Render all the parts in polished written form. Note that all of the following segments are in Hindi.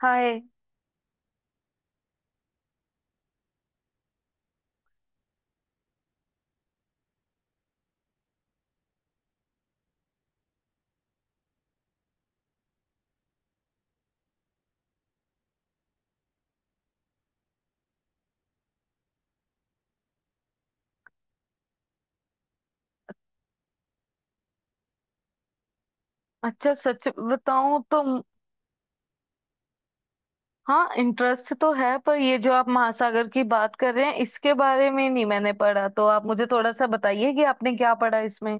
हाय। अच्छा, सच बताऊं तो हाँ, इंटरेस्ट तो है पर ये जो आप महासागर की बात कर रहे हैं इसके बारे में नहीं मैंने पढ़ा, तो आप मुझे थोड़ा सा बताइए कि आपने क्या पढ़ा इसमें।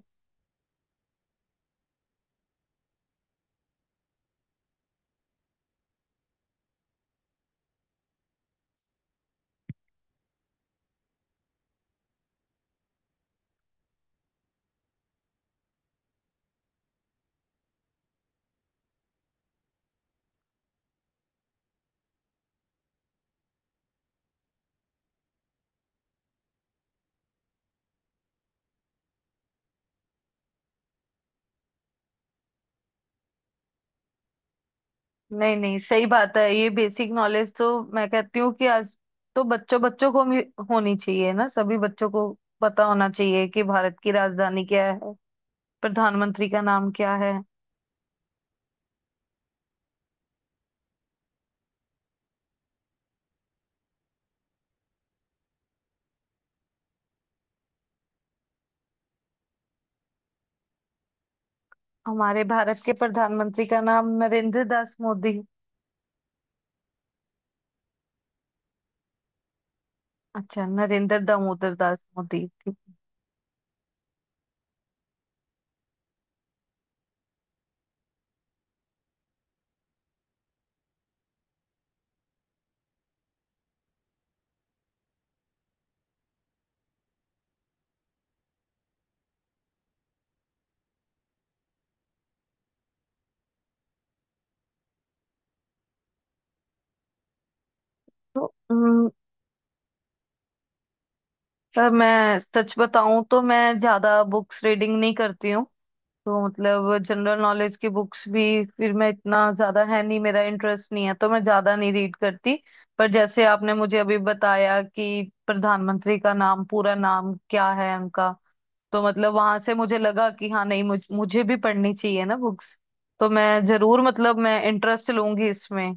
नहीं नहीं, सही बात है। ये बेसिक नॉलेज तो मैं कहती हूँ कि आज तो बच्चों बच्चों को भी होनी चाहिए ना, सभी बच्चों को पता होना चाहिए कि भारत की राजधानी क्या है, प्रधानमंत्री का नाम क्या है। हमारे भारत के प्रधानमंत्री का नाम नरेंद्र दास मोदी। अच्छा, नरेंद्र दामोदर दास मोदी, ठीक। तो अम, पर मैं सच बताऊं तो मैं ज्यादा बुक्स रीडिंग नहीं करती हूँ। तो मतलब जनरल नॉलेज की बुक्स भी फिर मैं इतना ज्यादा, है नहीं मेरा इंटरेस्ट नहीं है तो मैं ज्यादा नहीं रीड करती। पर जैसे आपने मुझे अभी बताया कि प्रधानमंत्री का नाम, पूरा नाम क्या है उनका, तो मतलब वहां से मुझे लगा कि हाँ, नहीं मुझे भी पढ़नी चाहिए ना बुक्स। तो मैं जरूर, मतलब मैं इंटरेस्ट लूंगी इसमें।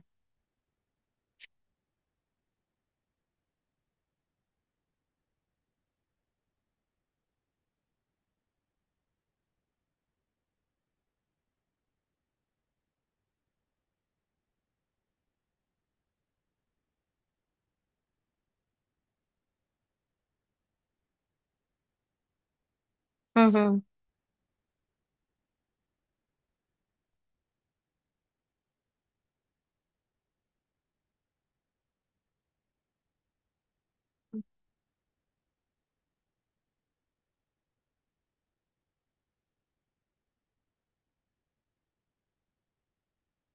हम्म, हम्म,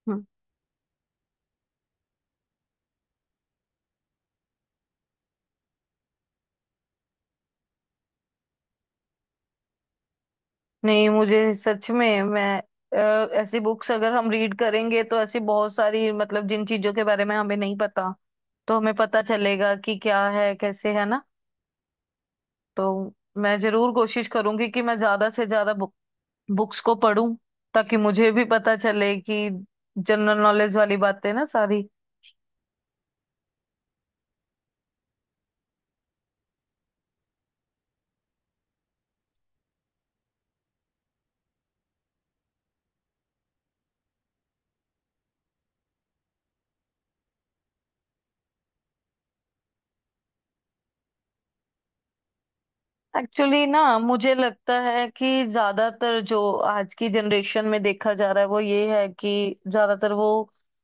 हम्म। नहीं, मुझे सच में, मैं अ, ऐसी बुक्स अगर हम रीड करेंगे तो ऐसी बहुत सारी, मतलब जिन चीजों के बारे में हमें नहीं पता तो हमें पता चलेगा कि क्या है, कैसे है ना। तो मैं जरूर कोशिश करूंगी कि मैं ज्यादा से ज्यादा बुक्स को पढूं, ताकि मुझे भी पता चले कि जनरल नॉलेज वाली बातें ना सारी। एक्चुअली ना, मुझे लगता है कि ज्यादातर जो आज की जनरेशन में देखा जा रहा है वो ये है कि ज्यादातर वो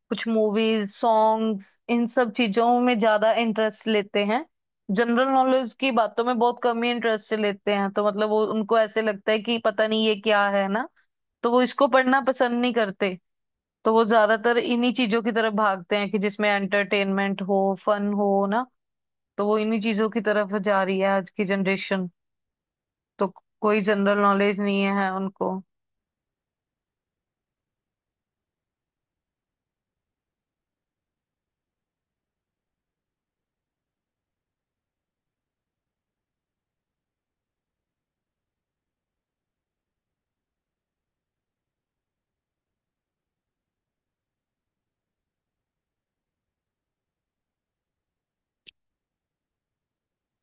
कुछ मूवीज, सॉन्ग्स, इन सब चीजों में ज्यादा इंटरेस्ट लेते हैं, जनरल नॉलेज की बातों में बहुत कम ही इंटरेस्ट लेते हैं। तो मतलब वो, उनको ऐसे लगता है कि पता नहीं ये क्या है ना, तो वो इसको पढ़ना पसंद नहीं करते। तो वो ज्यादातर इन्हीं चीजों की तरफ भागते हैं कि जिसमें एंटरटेनमेंट हो, फन हो ना। तो वो इन्हीं चीजों की तरफ जा रही है आज की जनरेशन, तो कोई जनरल नॉलेज नहीं है उनको।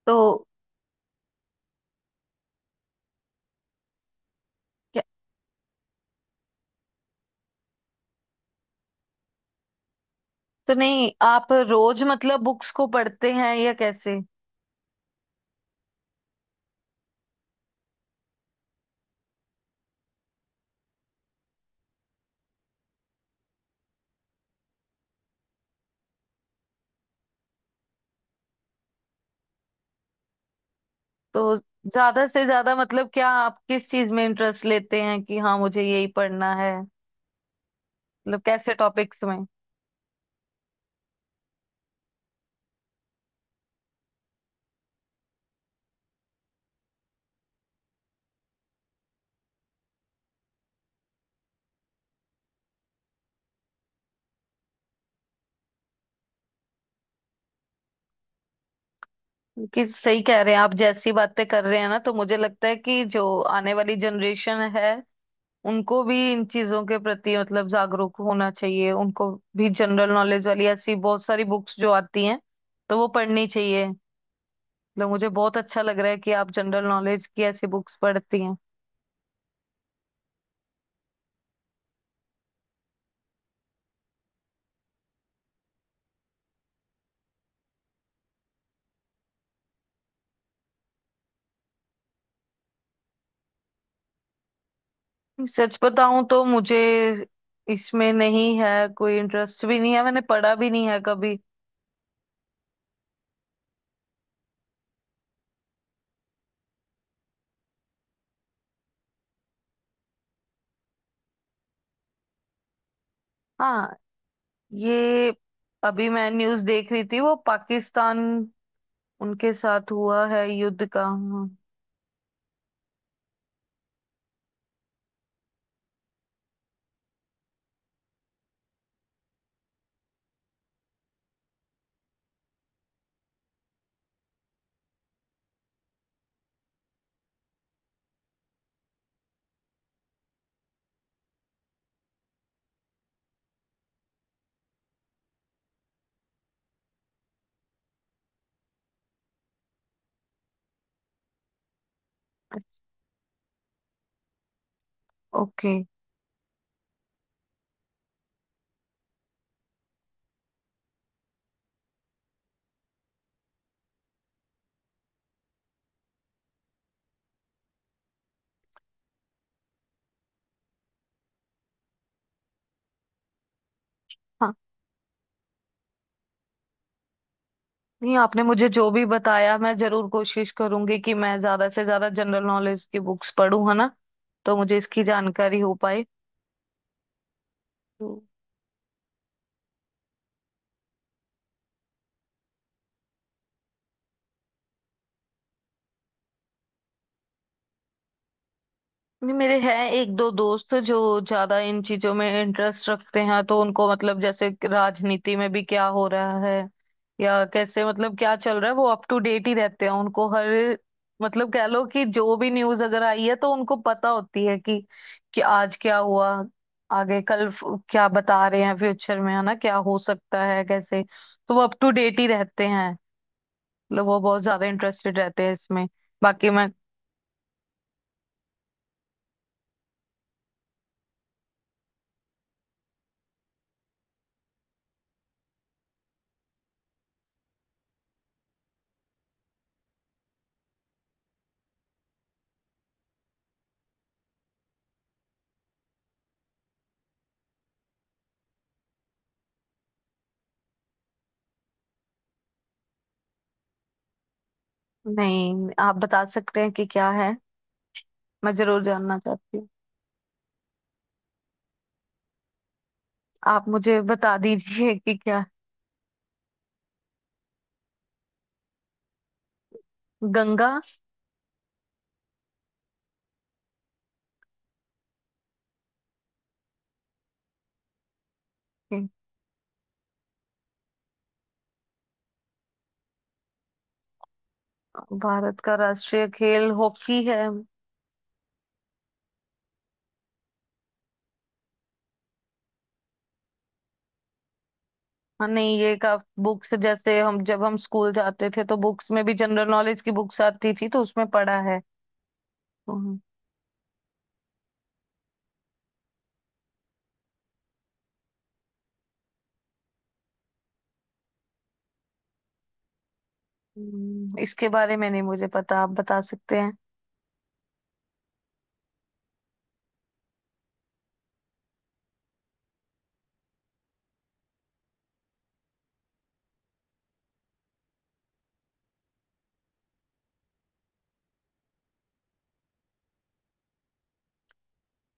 तो क्या- तो नहीं, आप रोज मतलब बुक्स को पढ़ते हैं या कैसे? तो ज्यादा से ज्यादा मतलब, क्या आप किस चीज में इंटरेस्ट लेते हैं कि हाँ मुझे यही पढ़ना है, मतलब कैसे टॉपिक्स में? कि सही कह रहे हैं आप, जैसी बातें कर रहे हैं ना, तो मुझे लगता है कि जो आने वाली जनरेशन है उनको भी इन चीजों के प्रति मतलब जागरूक होना चाहिए। उनको भी जनरल नॉलेज वाली ऐसी बहुत सारी बुक्स जो आती हैं तो वो पढ़नी चाहिए। मतलब मुझे बहुत अच्छा लग रहा है कि आप जनरल नॉलेज की ऐसी बुक्स पढ़ती हैं। सच बताऊं तो मुझे इसमें नहीं है, कोई इंटरेस्ट भी नहीं है, मैंने पढ़ा भी नहीं है कभी। हाँ, ये अभी मैं न्यूज़ देख रही थी, वो पाकिस्तान, उनके साथ हुआ है युद्ध का, हाँ। ओके। हाँ, नहीं आपने मुझे जो भी बताया, मैं जरूर कोशिश करूंगी कि मैं ज्यादा से ज्यादा जनरल नॉलेज की बुक्स पढूं, है ना, तो मुझे इसकी जानकारी हो पाए। तो नहीं, मेरे हैं एक दो दोस्त जो ज्यादा इन चीजों में इंटरेस्ट रखते हैं, तो उनको मतलब जैसे राजनीति में भी क्या हो रहा है या कैसे, मतलब क्या चल रहा है, वो अप टू डेट ही रहते हैं। उनको हर, मतलब कह लो कि जो भी न्यूज अगर आई है तो उनको पता होती है कि आज क्या हुआ, आगे कल क्या बता रहे हैं, फ्यूचर में है ना, क्या हो सकता है, कैसे। तो वो अप टू डेट ही रहते हैं, मतलब वो बहुत ज्यादा इंटरेस्टेड रहते हैं इसमें। बाकी मैं। नहीं, आप बता सकते हैं कि क्या है, मैं जरूर जानना चाहती हूँ, आप मुझे बता दीजिए कि क्या। गंगा। भारत का राष्ट्रीय खेल हॉकी है। हाँ, नहीं ये का, बुक से जैसे, हम जब हम स्कूल जाते थे तो बुक्स में भी जनरल नॉलेज की बुक्स आती थी तो उसमें पढ़ा है। हम्म। इसके बारे में नहीं मुझे पता, आप बता सकते हैं?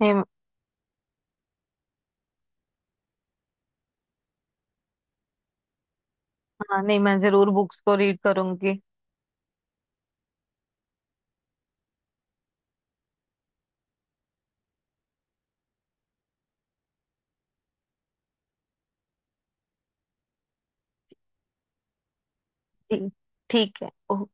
नहीं, हाँ, नहीं मैं जरूर बुक्स को रीड करूंगी। जी। ठीक है,